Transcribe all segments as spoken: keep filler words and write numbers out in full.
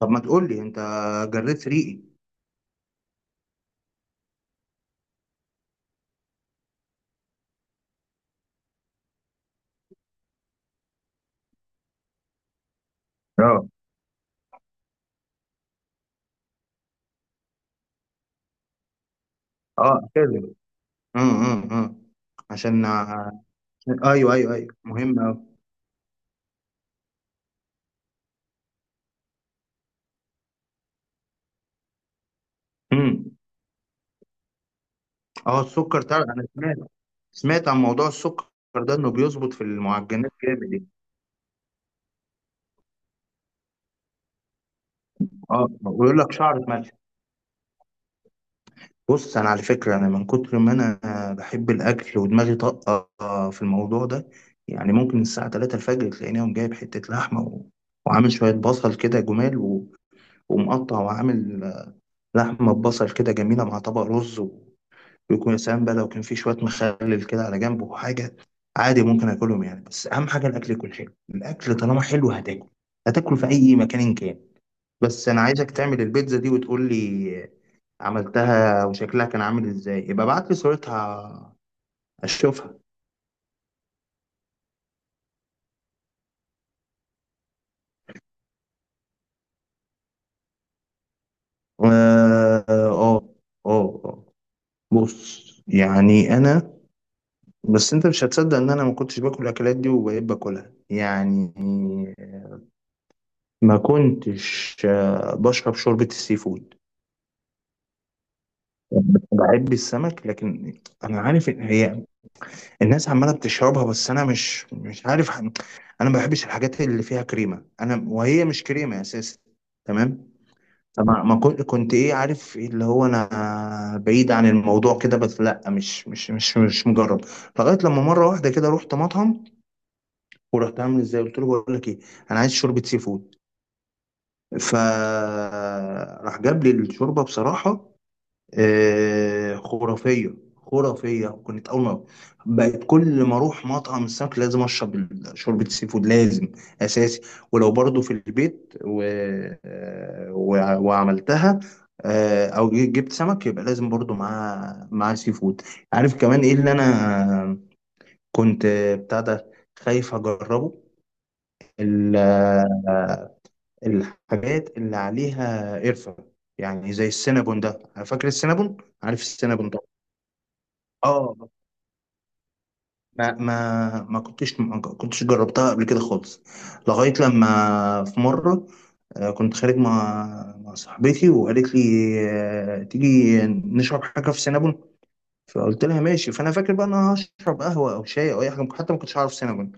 طب ما تقول لي انت، جريت ريقي. اه اه كده. امم امم أمم. عشان ايوه ايوه ايوه مهم قوي. امم. اه، السكر تعرف انا سمعت، سمعت عن موضوع السكر ده، انه بيظبط في المعجنات جامد يعني. اه، ويقول لك شعرة ملح. بص انا على فكره انا من كتر ما انا بحب الاكل ودماغي طاقه في الموضوع ده، يعني ممكن الساعه ثلاثة الفجر تلاقيني يوم جايب حته لحمه و... وعامل شويه بصل كده جمال و... ومقطع وعامل لحمة ببصل كده جميلة مع طبق رز و- ويكون يا سلام بقى لو كان في شوية مخلل كده على جنبه وحاجة عادي، ممكن آكلهم يعني. بس أهم حاجة الأكل يكون حلو، الأكل طالما حلو هتاكل، هتاكل في أي مكان إن كان. بس أنا عايزك تعمل البيتزا دي وتقول لي عملتها وشكلها كان عامل إزاي، يبقى ابعت لي صورتها أشوفها. آه آه آه آه. بص يعني أنا، بس أنت مش هتصدق إن أنا ما كنتش باكل الأكلات دي وبقيت باكلها يعني. ما كنتش آه، بشرب شوربة السي فود، بحب السمك لكن انا عارف ان هي الناس عماله بتشربها. بس انا مش مش عارف ح- انا ما بحبش الحاجات اللي فيها كريمه، انا وهي مش كريمه اساسا. تمام. فما ما كنت كنت ايه عارف إيه اللي هو انا بعيد عن الموضوع كده. بس لا، مش مش مش مش مجرب لغايه لما مره واحده كده رحت مطعم، ورحت عامل ازاي، قلت له بقول لك ايه، انا عايز شوربه سي فود، فراح جاب لي الشوربه. بصراحه آه خرافية، خرافية. كنت أول ما بقت، كل ما أروح مطعم السمك لازم أشرب ال- شوربة السي فود، لازم، أساسي. ولو برضو في البيت و... آه، وع- وعملتها، آه، أو ج- جبت سمك يبقى لازم برضو معاه معاه سي فود. عارف كمان إيه اللي أنا كنت آه، بتاع ده، خايف أجربه؟ ال- آه، الحاجات اللي عليها قرفة، يعني زي السينابون ده، فاكر السينابون؟ عارف السينابون. اه، ما ما ما كنتش ما كنتش جربتها قبل كده خالص، لغاية لما في مرة آه، كنت خارج مع مع صاحبتي، وقالت لي آه، تيجي نشرب حاجة في سينابون. فقلت لها ماشي. فأنا فاكر بقى إن أنا هشرب قهوة أو شاي أو أي حاجة، حتى ما كنتش أعرف سينابون.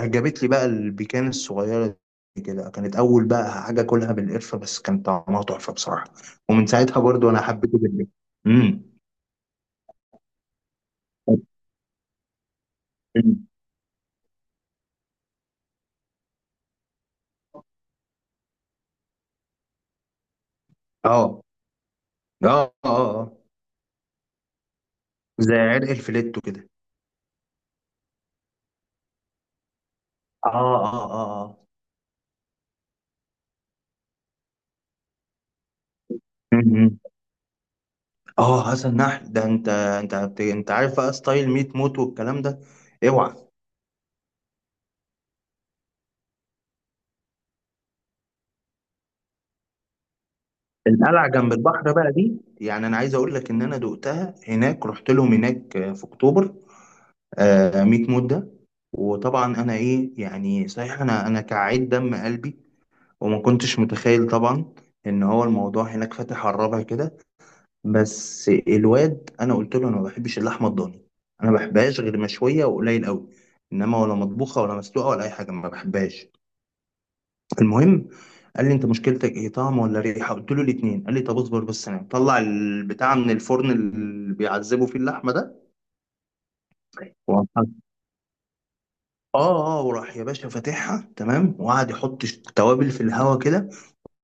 جابت لي بقى البيكان الصغيرة دي كده، كانت أول بقى حاجة أكلها بالقرفة. بس كان طعمها تحفة بصراحة. ومن ساعتها برضو أنا حبيته جدا. امم. اه اه اه آه. زي عرق الفليتو كده. اه اه اه اه. مهم. اه، حسن نحل ده، انت انت بت- انت عارف بقى ستايل ميت موت والكلام ده. اوعى. القلعه جنب البحر بقى دي، يعني انا عايز اقول لك ان انا دقتها هناك، رحت لهم هناك في اكتوبر، آه، ميت موت ده. وطبعا انا ايه يعني، صحيح انا انا كعيد دم قلبي وما كنتش متخيل طبعا ان هو الموضوع هناك فاتح على الرابع كده. بس الواد انا قلت له انا ما بحبش اللحمه الضاني، انا ما بحبهاش غير مشويه وقليل قوي. انما ولا مطبوخه ولا مسلوقه ولا اي حاجه، ما بحبهاش. المهم، قال لي انت مشكلتك ايه، طعم ولا ريحه؟ قلت له الاثنين. قال لي طب اصبر بس، انا طلع البتاع من الفرن اللي بيعذبوا فيه اللحمه ده، وراح- اه اه، وراح يا باشا فاتحها تمام، وقعد يحط ش- توابل في الهوا كده،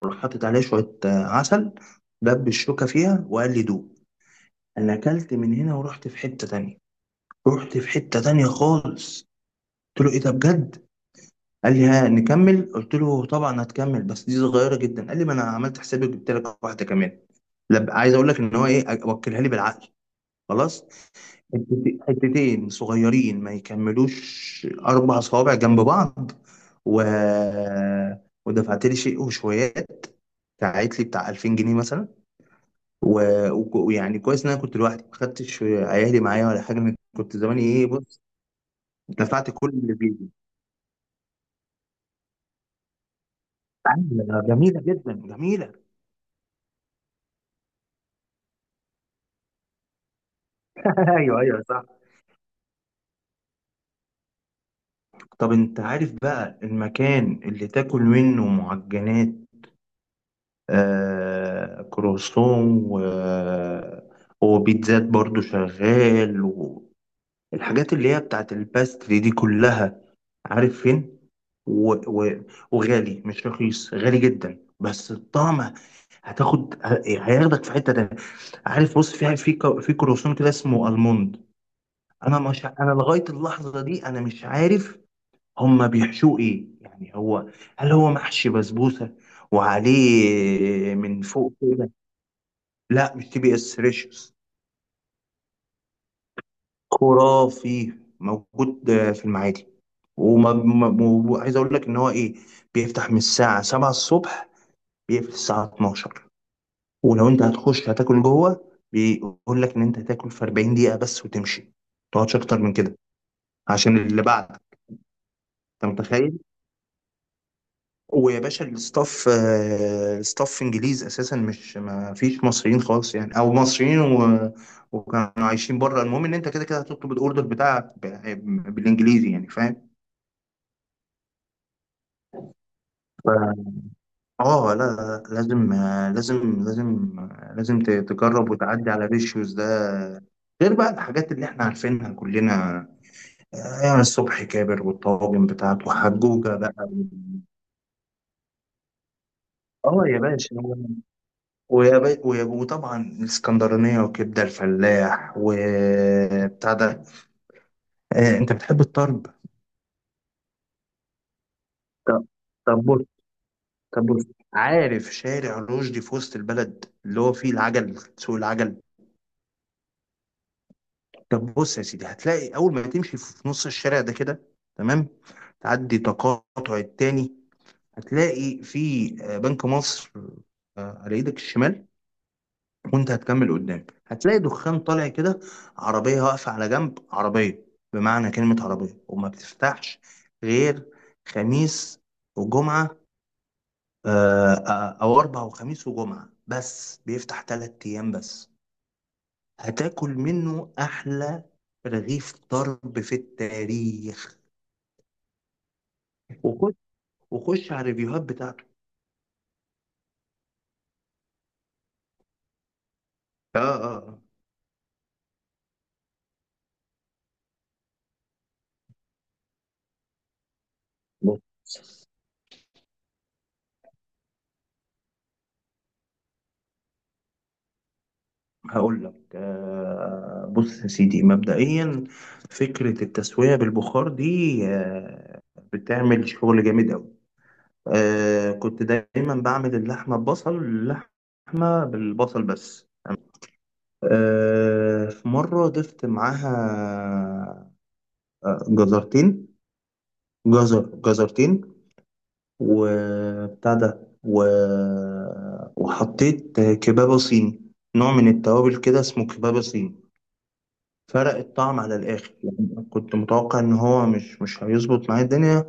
وراح حاطط عليها شويه آه، عسل، دب الشوكه فيها وقال لي دوق. انا اكلت من هنا ورحت في حته تانية، رحت في حتة تانية خالص. قلت له ايه ده بجد؟ قال لي ها نكمل؟ قلت له طبعا هتكمل، بس دي صغيرة جدا. قال لي ما انا عملت حسابي وجبت لك واحدة كمان. لا عايز اقول لك ان هو ايه، وكلها لي بالعقل، خلاص. حتت- حتتين صغيرين ما يكملوش اربع صوابع جنب بعض، و... ودفعت لي شيء وشويات، دفعت لي بتاع ألفين جنيه مثلا. و... وك- ويعني كويس ان انا كنت لوحدي، ما خدتش عيالي معايا ولا حاجه، أنا كنت زماني ايه. بص، دفعت كل اللي فيه، عاملة جميلة جدا جميلة. ايوه ايوه صح. طب انت عارف بقى المكان اللي تاكل منه معجنات، آه كروسون، و وبيتزات برضو شغال، والحاجات اللي هي بتاعت الباستري دي كلها، عارف فين؟ و... و... وغالي، مش رخيص، غالي جدا. بس الطعم هتاخد، هياخدك في حتة تانية. عارف؟ بص في في ك- في كروسون كده اسمه الموند. انا مش، انا لغايه اللحظه دي انا مش عارف هما بيحشوه ايه، يعني هو هل هو محشي بسبوسه وعليه من فوق كده؟ لا، مش تي بي اس، ريشوس. خرافي. موجود آه، في المعادي. وما- ما- وعايز اقول لك ان هو ايه، بيفتح من الساعه سبعة الصبح، بيقفل الساعه اتناشر. ولو انت هتخش هتاكل جوه، بيقول لك ان انت هتاكل في أربعين دقيقه بس وتمشي، ما تقعدش اكتر من كده، عشان اللي بعد. انت متخيل؟ ويا باشا الستاف، آه، الستاف انجليز اساسا، مش، ما فيش مصريين خالص يعني، او مصريين و... وكانوا عايشين بره. المهم ان انت كده كده هتطلب الاوردر بتاعك ب... بالانجليزي، يعني فاهم. ف- اه لا لا لا، لازم آه، لازم لازم آه، لازم ت- تجرب وتعدي على ريشيوز ده، غير بقى الحاجات اللي احنا عارفينها كلنا، آه، يعني الصبح كابر والطواجن بتاعته حجوجة بقى. اه يا باشا. ويا بي... ويا- وطبعا الاسكندرانية وكبدة الفلاح وبتاع ده. آه، انت بتحب الطرب؟ طب طب بص طب بص، عارف شارع رشدي في وسط البلد، اللي هو فيه العجل، سوق العجل. طب بص يا سيدي، هتلاقي اول ما تمشي في نص الشارع ده كده، تمام، تعدي تقاطع التاني، هتلاقي في آه، بنك مصر آه، على ايدك الشمال. وانت هتكمل قدام هتلاقي دخان طالع كده، عربية واقفة على جنب، عربية بمعنى كلمة عربية، وما بتفتحش غير خميس وجمعة، آه، آه، أو أربع وخميس وجمعة بس، بيفتح تلات أيام بس. هتاكل منه أحلى رغيف ضرب في التاريخ. وخش، وخش على الريفيوهات بتاعته. اه اه آه. هقول لك، آه، بص يا سيدي، مبدئيا فكرة التسوية بالبخار دي آه، بتعمل شغل جامد أوي. آه، كنت دايما بعمل اللحمة ببصل، اللحمة بالبصل بس. آه، في مرة ضفت معاها آه، جزرتين، جزر جزرتين وبتاع ده، و... وحطيت كبابة صيني، نوع من التوابل كده اسمه كبابة صيني. فرق الطعم على الاخر، يعني كنت متوقع ان هو مش مش هيظبط معايا الدنيا،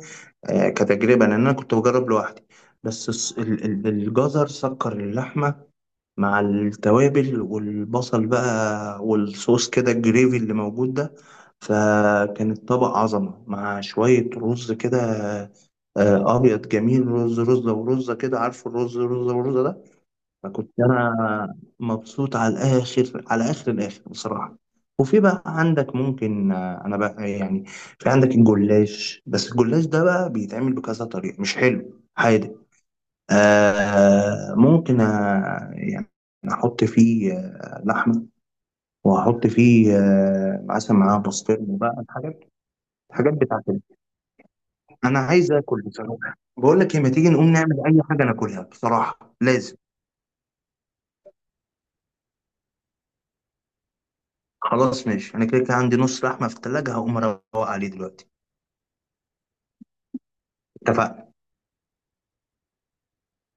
آه، كتجربه، لان انا كنت بجرب لوحدي. بس الس- ال- ال- الجزر سكر اللحمه مع التوابل والبصل بقى والصوص كده الجريفي اللي موجود ده، فكان الطبق عظمه مع شويه رز كده، آه، ابيض جميل، رز رزه ورزه كده، عارف الرز رزه ورزه ده؟ فكنت انا مبسوط على الاخر، على اخر الاخر بصراحه. وفي بقى عندك ممكن، آه، انا بقى يعني، في عندك الجلاش. بس الجلاش ده بقى بيتعمل بكذا طريقه، مش حلو حادق. آه ممكن آه يعني احط فيه آه لحمه، واحط فيه آه مثلا معاها بسطرمه بقى، الحاجات، الحاجات بتاعت ال- انا عايز اكل بصراحه. بقول لك إيه، ما تيجي نقوم نعمل اي حاجه ناكلها بصراحه لازم. خلاص ماشي، انا كده كده عندي نص لحمه في التلاجة، هقوم اروق عليه دلوقتي. اتفقنا.